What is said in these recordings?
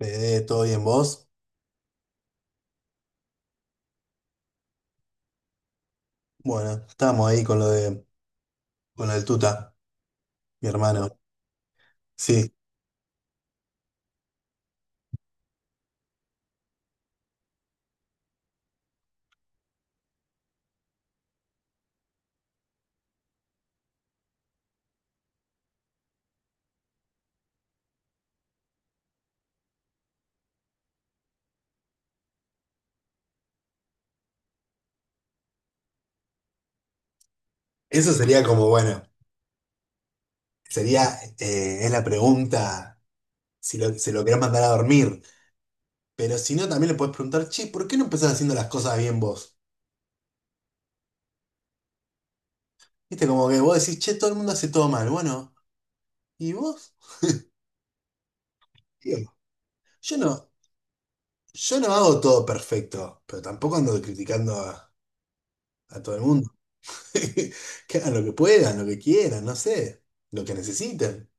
Fede, ¿todo bien vos? Bueno, estábamos ahí con lo de, con lo del Tuta, mi hermano. Sí, eso sería como, bueno, sería, es la pregunta, si lo, se lo querés mandar a dormir, pero si no, también le podés preguntar, che, ¿por qué no empezás haciendo las cosas bien vos? Viste, como que vos decís, che, todo el mundo hace todo mal, bueno, ¿y vos? Tío, yo no, yo no hago todo perfecto, pero tampoco ando criticando a todo el mundo. Que hagan lo que puedan, lo que quieran, no sé, lo que necesiten.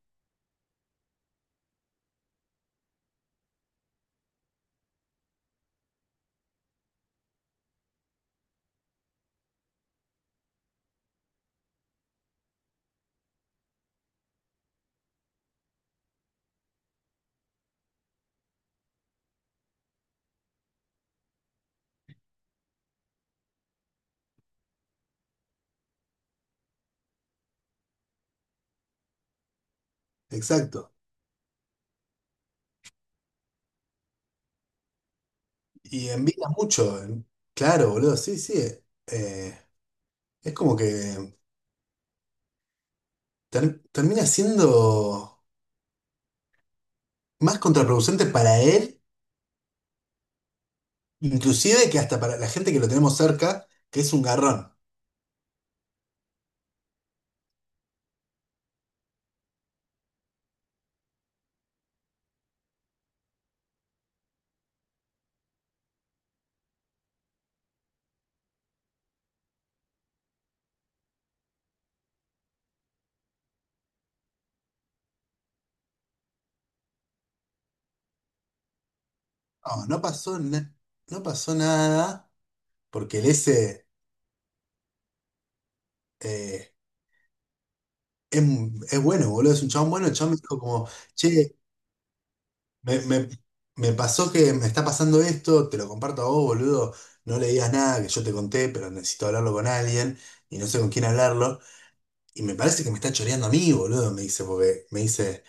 Exacto. Y envidia mucho, claro, boludo, sí, sí. eh, es como que termina siendo más contraproducente para él, inclusive que hasta para la gente que lo tenemos cerca, que es un garrón. No, no pasó nada, porque el ese eh, es, es bueno, boludo, es un chabón bueno. El chabón me dijo como, che, me, me- me pasó que me está pasando esto, te lo comparto a vos, boludo. No le digas nada, que yo te conté, pero necesito hablarlo con alguien y no sé con quién hablarlo. Y me parece que me está choreando a mí, boludo, me dice, porque me dice,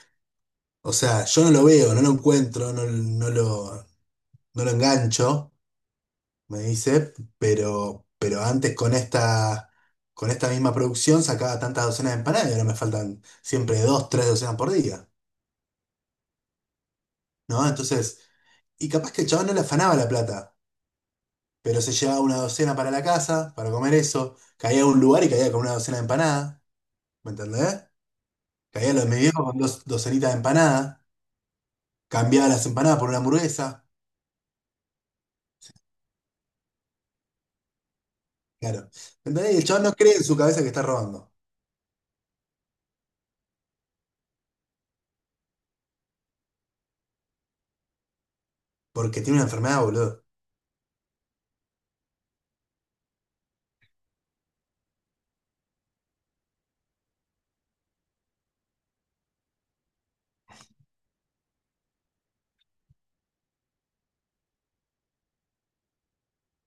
o sea, yo no lo veo, no lo encuentro, no lo engancho, me dice, pero, pero antes con esta misma producción sacaba tantas docenas de empanadas y ahora me faltan siempre dos, tres docenas por día, ¿no? Entonces, y capaz que el chabón no le afanaba la plata, pero se llevaba una docena para la casa, para comer eso, caía a un lugar y caía con una docena de empanadas, ¿me entendés? Caía a los de mi viejo con dos docenitas de empanadas. Cambiaba las empanadas por una hamburguesa. Claro. ¿Entendés? Y el chabón no cree en su cabeza que está robando. Porque tiene una enfermedad, boludo.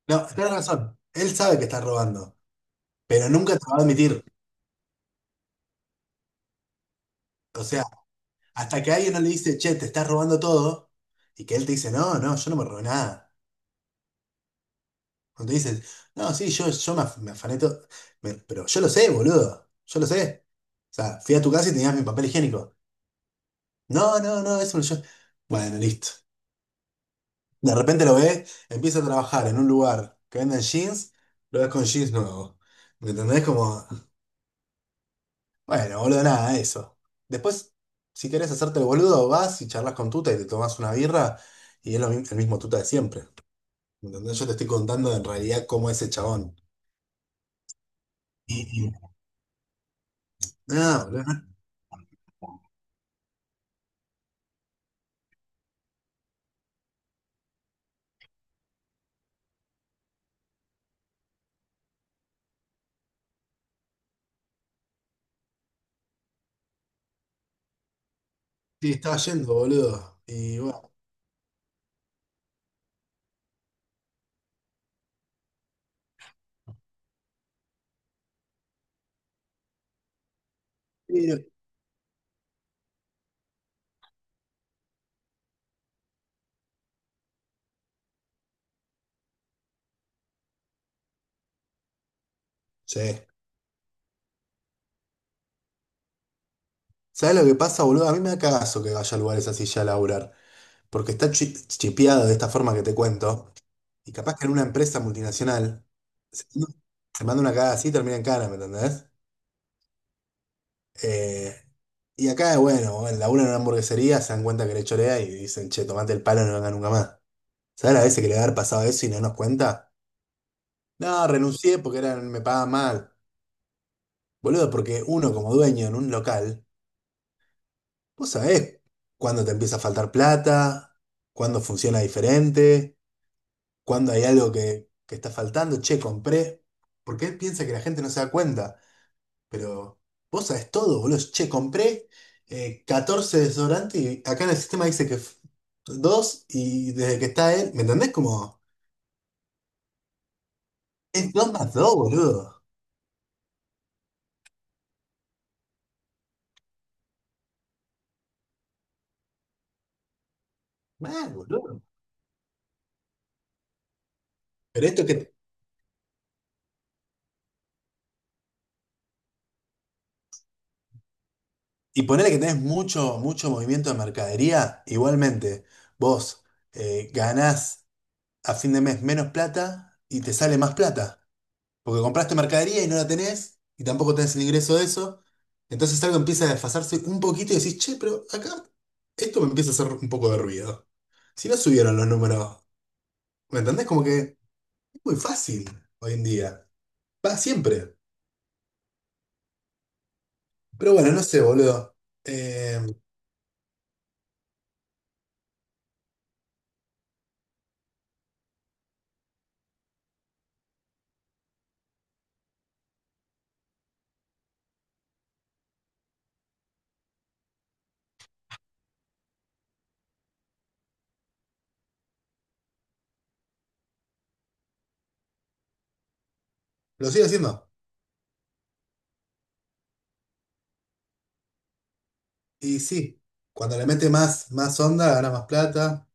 No, tenés razón. Él sabe que está robando. Pero nunca te lo va a admitir. O sea, hasta que alguien no le dice, che, te estás robando todo. Y que él te dice, no, no, yo no me robé nada. Cuando te dicen, no, sí, me afané todo. Pero yo lo sé, boludo. Yo lo sé. O sea, fui a tu casa y tenías mi papel higiénico. No, no, no, eso no yo. Bueno, listo. De repente lo ves empieza a trabajar en un lugar que venden jeans, lo ves con jeans nuevos. ¿Me entendés? Como, bueno, boludo, nada, eso. Después, si querés hacerte el boludo, vas y charlas con Tuta y te tomás una birra y es el mismo Tuta de siempre. ¿Me entendés? Yo te estoy contando en realidad cómo es ese chabón. Y, y- Nada, boludo, no te estaba yendo, boludo. Y bueno, pero- sí. ¿Sabés lo que pasa, boludo? A mí me da cagazo que vaya a lugares así ya a laburar. Porque está chipeado de esta forma que te cuento, y capaz que en una empresa multinacional se se manda una cagada así y termina en cana, ¿me entendés? Eh, y acá, bueno, en la una en una hamburguesería se dan cuenta que le chorea y dicen, che, tomate el palo, no venga nunca más. ¿Sabes las veces que le va a haber pasado eso y no nos cuenta? No, renuncié porque eran, me pagaban mal. Boludo, porque uno como dueño en un local, vos sabés cuándo te empieza a faltar plata, cuándo funciona diferente. Cuando hay algo que está faltando, che, compré, porque él piensa que la gente no se da cuenta, pero vos sabés todo, boludo, che, compré 14 desodorantes y acá en el sistema dice que dos y desde que está él, ¿me entendés? Como, es dos más dos, boludo. Mal, boludo. Pero esto que, y ponele que tenés mucho, mucho movimiento de mercadería, igualmente, vos ganás a fin de mes menos plata y te sale más plata. Porque compraste mercadería y no la tenés, y tampoco tenés el ingreso de eso. Entonces algo empieza a desfasarse un poquito y decís, che, pero acá esto me empieza a hacer un poco de ruido. Si no subieron los números, ¿me entendés? Como que es muy fácil hoy en día. Va siempre. Pero bueno, no sé, boludo. Eh, lo sigo haciendo. Y sí, cuando le mete más, más onda, gana más plata,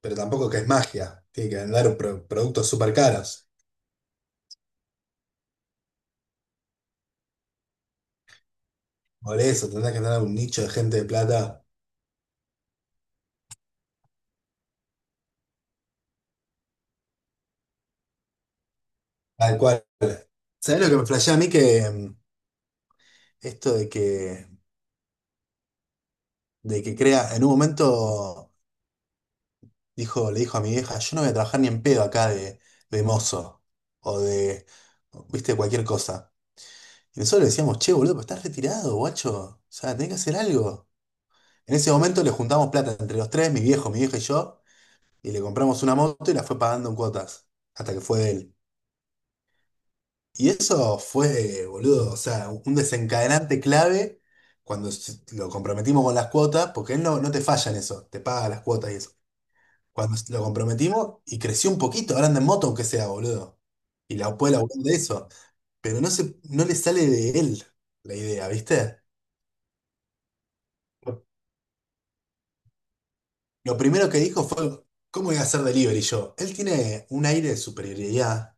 pero tampoco que es magia. Tiene que vender productos súper caros. Por eso tendrás que tener un nicho de gente de plata tal cual. ¿Sabés lo que me flashea a mí que esto de que crea, en un momento dijo, le dijo a mi vieja, yo no voy a trabajar ni en pedo acá de mozo o de, viste, cualquier cosa. Y nosotros le decíamos, che, boludo, pero estás retirado, guacho. O sea, tenés que hacer algo. En ese momento le juntamos plata entre los tres, mi viejo, mi vieja y yo, y le compramos una moto y la fue pagando en cuotas, hasta que fue de él. Y eso fue, boludo, o sea, un desencadenante clave cuando lo comprometimos con las cuotas, porque él no te falla en eso, te paga las cuotas y eso. Cuando lo comprometimos y creció un poquito, ahora anda en moto aunque sea, boludo. Y la puede laburar de eso. Pero no le sale de él la idea, ¿viste? Lo primero que dijo fue, ¿cómo voy a hacer delivery yo? Él tiene un aire de superioridad,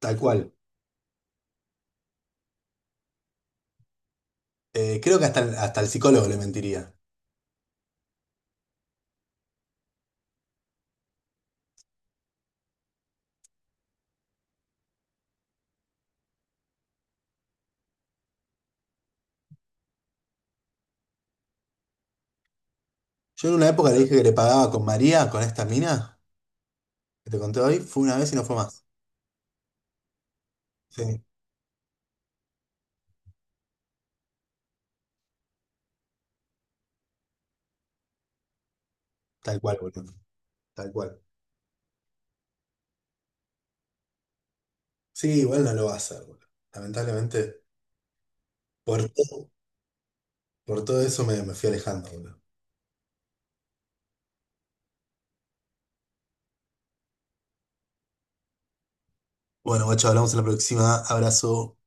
tal cual. Creo que hasta, hasta el psicólogo le mentiría. Yo en una época le dije que le pagaba con María, con esta mina, que te conté hoy. Fue una vez y no fue más. Sí, tal cual, boludo. Tal cual. Sí, igual no lo va a hacer, boludo. Lamentablemente, por todo, por todo eso me, me fui alejando, boludo. Bueno, guacho, hablamos en la próxima. Abrazo.